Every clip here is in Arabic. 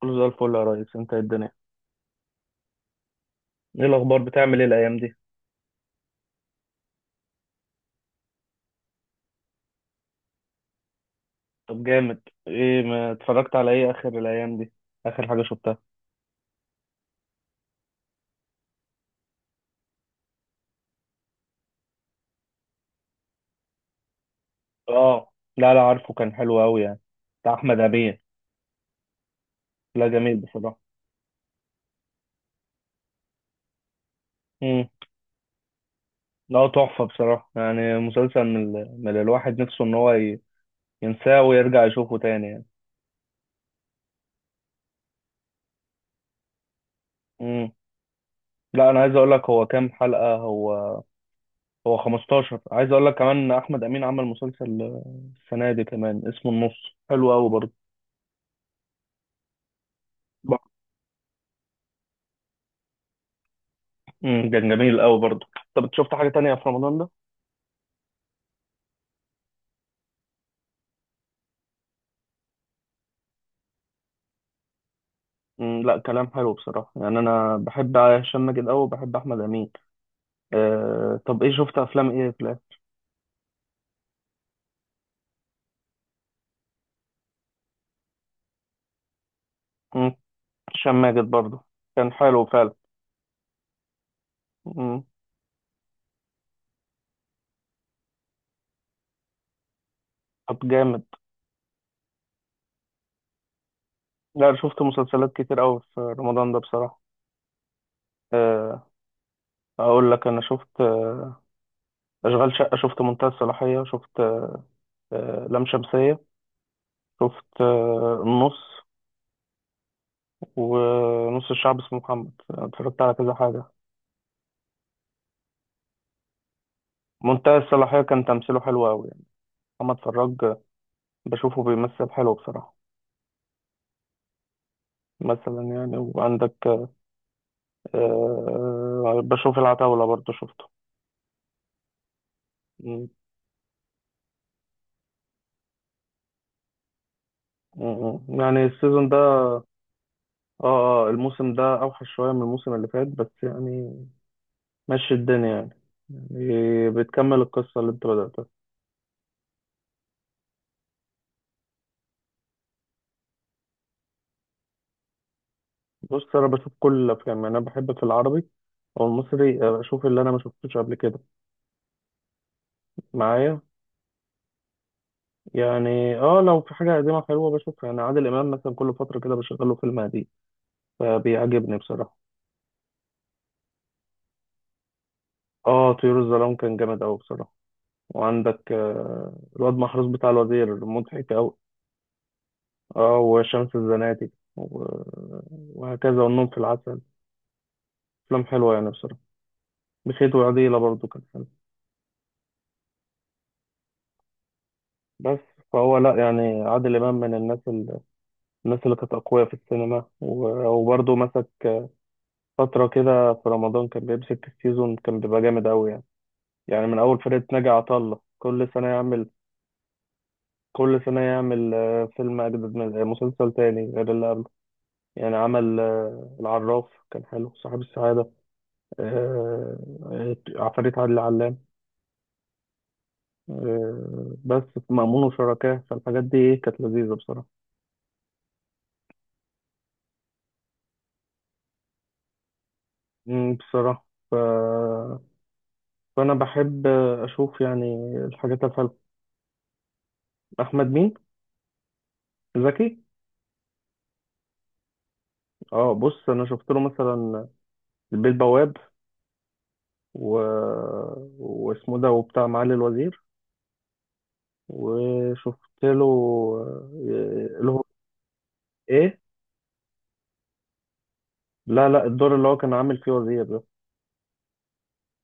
كله زي الفل يا ريس، انت ايه الدنيا؟ ايه الاخبار، بتعمل ايه الايام دي؟ طب جامد. ايه ما اتفرجت على ايه اخر الايام دي؟ اخر حاجه شفتها؟ اه، لا لا عارفه، كان حلو قوي يعني. بتاع احمد امين. لا جميل بصراحه. امم. لا تحفه بصراحه، يعني مسلسل من الواحد نفسه ان هو ينساه ويرجع يشوفه تاني يعني. امم. لا انا عايز اقول لك هو كام حلقه؟ هو هو 15. عايز اقول لك كمان احمد امين عمل مسلسل السنه دي كمان اسمه النص. حلو قوي برضه. كان جميل قوي برضه. طب إنت شفت حاجة تانية في رمضان ده؟ لا كلام حلو بصراحة، يعني أنا بحب هشام ماجد قوي وبحب أحمد أمين. أه، طب إيه شفت أفلام إيه في الآخر؟ امم هشام ماجد برضه. كان حلو فعلا. امم طب جامد. لا أنا شفت مسلسلات كتير قوي في رمضان ده بصراحة. أه، أقول لك أنا شفت أشغال شقة، شفت منتهى الصلاحية، شفت لام شمسية، شفت النص ونص، الشعب اسمه محمد. اتفرجت على كذا حاجة. منتهى الصلاحية كان تمثيله حلو أوي. محمد فراج، بشوفه بيمثل حلو بصراحة. مثلا يعني. وعندك آه، بشوف العتاولة برضه، شفته. م- يعني السيزون ده. اه اه، الموسم ده أوحش شوية من الموسم اللي فات، بس يعني ماشي الدنيا يعني. يعني بتكمل القصة اللي انت بدأتها. بص أنا بشوف كل الأفلام، يعني أنا بحب في العربي أو المصري بشوف اللي أنا ما شفتوش قبل كده. معايا. يعني اه، لو في حاجة قديمة حلوة بشوفها. يعني عادل إمام مثلا، كل فترة كده بشغله فيلم قديم فبيعجبني بصراحة. اه، طيور الظلام كان جامد أوي بصراحة. وعندك آه، الواد محروس بتاع الوزير مضحك أوي. اه، وشمس الزناتي وهكذا، والنوم في العسل. أفلام حلوة يعني بصراحة. بخيت وعديلة برضو كان حلو. بس فهو لأ، يعني عادل إمام من الناس الناس اللي كانت أقوياء في السينما، وبرضو مسك فترة كده في رمضان، كان بيمسك السيزون كان بيبقى جامد أوي يعني. يعني من أول فرقة ناجي عطا الله كل سنة يعمل. كل سنة يعمل فيلم أجدد من مسلسل تاني غير اللي قبله. يعني عمل العراف كان حلو، صاحب السعادة، آه، عفاريت عادل علام، بس في مأمون وشركاه. فالحاجات دي إيه كانت لذيذة بصراحة. بصراحة فأنا بحب أشوف يعني الحاجات الحلوة. أحمد مين؟ زكي؟ اه، بص أنا شفت له مثلا البيه البواب و... واسمه ده وبتاع معالي الوزير. وشفت له آه، اللي هو. إيه؟ لا لا، الدور اللي هو كان عامل فيه وزير.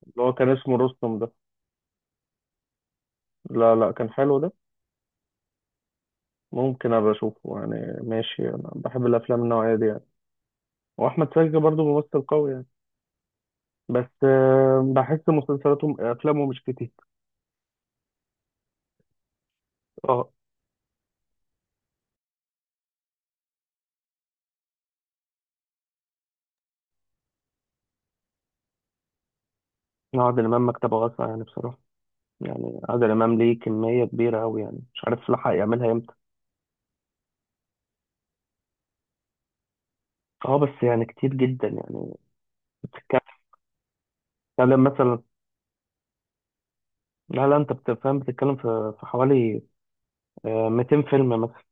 اللي هو كان اسمه رستم ده. لا لا، كان حلو ده. ممكن ابقى اشوفه يعني، ماشي، انا بحب الافلام النوعيه دي يعني. واحمد سقا برضو ممثل قوي يعني. بس آه، بحس مسلسلاته افلامه مش كتير. اه، عادل امام مكتبه واسعه يعني بصراحه. يعني عادل امام ليه كميه كبيره قوي، يعني مش عارف لحق يعملها امتى. اه، بس يعني كتير جدا يعني. بتتكلم بتتكلم مثلا. لا لا، انت بتفهم، بتتكلم في حوالي آه، 200 فيلم مثلا.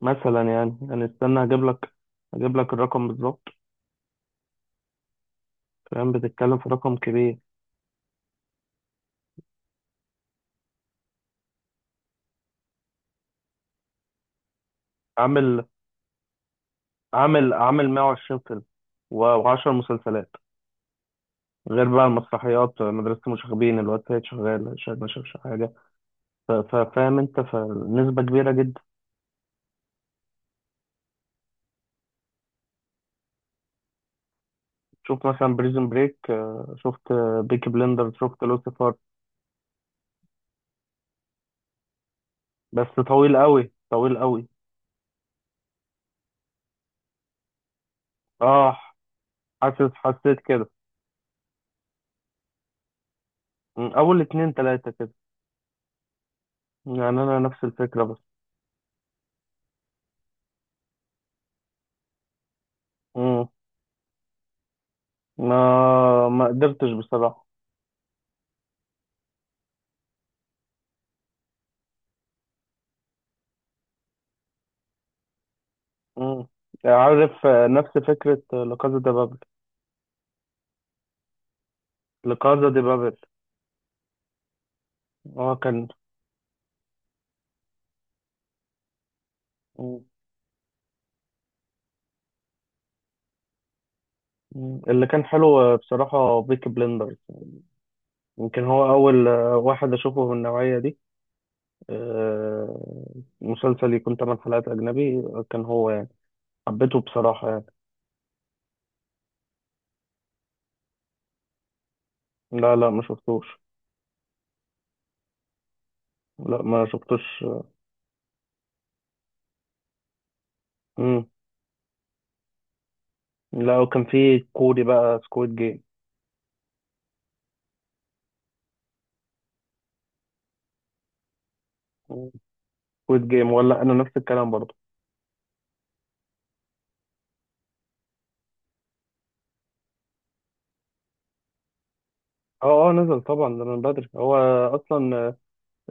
مثلا يعني، يعني استنى اجيب لك، اجيب لك الرقم بالظبط. فاهم بتتكلم في رقم كبير. عامل عامل 120 فيلم و10 مسلسلات، غير بقى المسرحيات: مدرسة المشاغبين، الواد سيد شغال، شاهد ما شافش حاجة. فاهم انت، فنسبة كبيرة جدا. شفت مثلا بريزن بريك، شفت بيكي بلندر، شفت لوسيفر. بس طويل قوي، طويل قوي. اه، حاسس، حسيت كده. اول اتنين تلاتة كده يعني انا نفس الفكرة بس. م، ما قدرتش بصراحة. مم. عارف آه، نفس فكرة لكازا دي بابل. لكازا دي بابل. هو كان. مم. مم. اللي كان حلو آه، بصراحة بيكي بلندرز. يمكن هو أول آه، واحد أشوفه من النوعية دي. آه، مسلسل يكون 8 حلقات أجنبي آه، كان هو يعني. حبيته بصراحة يعني. لا لا ما شفتوش. لا ما شفتوش. مم. لا وكان في كوري بقى سكويد جيم. سكويد جيم، ولا أنا نفس الكلام برضه. اه اه، نزل طبعا ده من بدري هو اصلا.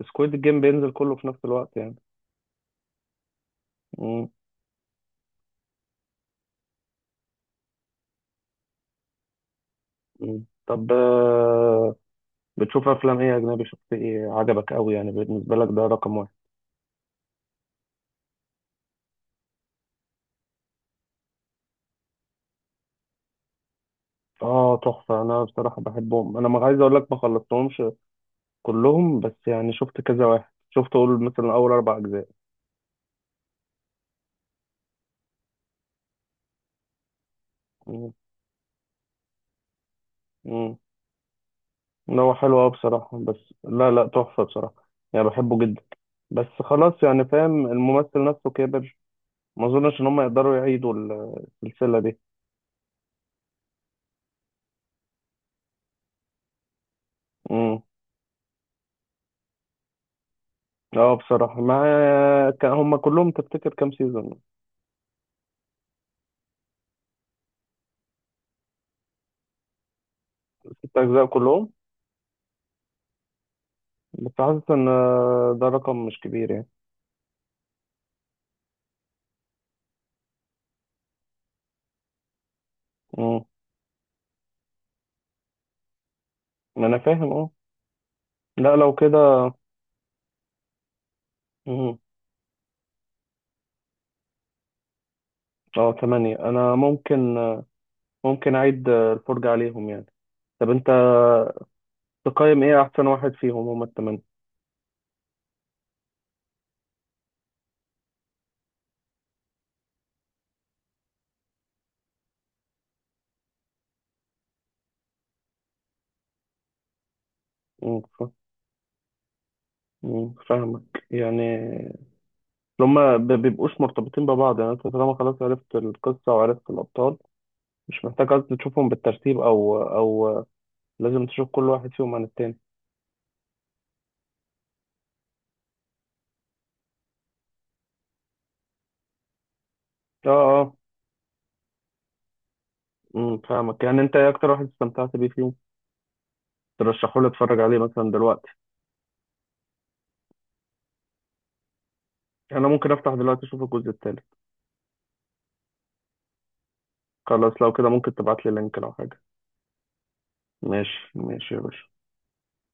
سكويد جيم بينزل كله في نفس الوقت يعني. مم. مم. طب آه، بتشوف افلام ايه اجنبي؟ شفت ايه عجبك قوي يعني بالنسبه لك ده رقم واحد؟ اه، تحفه، انا بصراحه بحبهم. انا ما عايز اقول لك ما خلصتهمش كلهم، بس يعني شفت كذا واحد، شفت اقول مثلا اول 4 اجزاء. مم. مم. لا هو حلو قوي بصراحه، بس لا لا، تحفه بصراحه يعني بحبه جدا. بس خلاص يعني، فاهم، الممثل نفسه كبر. ما اظنش ان هم يقدروا يعيدوا السلسله دي. مم. اه بصراحة، ما كان هما كلهم تفتكر كام سيزون؟ 6 أجزاء كلهم. بس حاسس إن ده رقم مش كبير يعني. مم. ما أنا فاهم اه. لا لو كده. مم. اه، تمانية، أنا ممكن، ممكن أعيد الفرجة عليهم يعني. طب أنت تقيم إيه أحسن واحد فيهم هما التمانية؟ مم. مم. فاهمك يعني. هما بيبقوش مرتبطين ببعض، يعني أنت طالما خلاص عرفت القصة وعرفت الأبطال مش محتاج أصلا تشوفهم بالترتيب أو لازم تشوف كل واحد فيهم عن التاني. اه اه، فاهمك، يعني انت ايه اكتر واحد استمتعت بيه فيهم؟ ترشحوا لي اتفرج عليه مثلا دلوقتي. يعني انا ممكن افتح دلوقتي اشوف الجزء التالت. خلاص لو كده، ممكن تبعت لي لينك لو حاجه. ماشي ماشي يا باشا.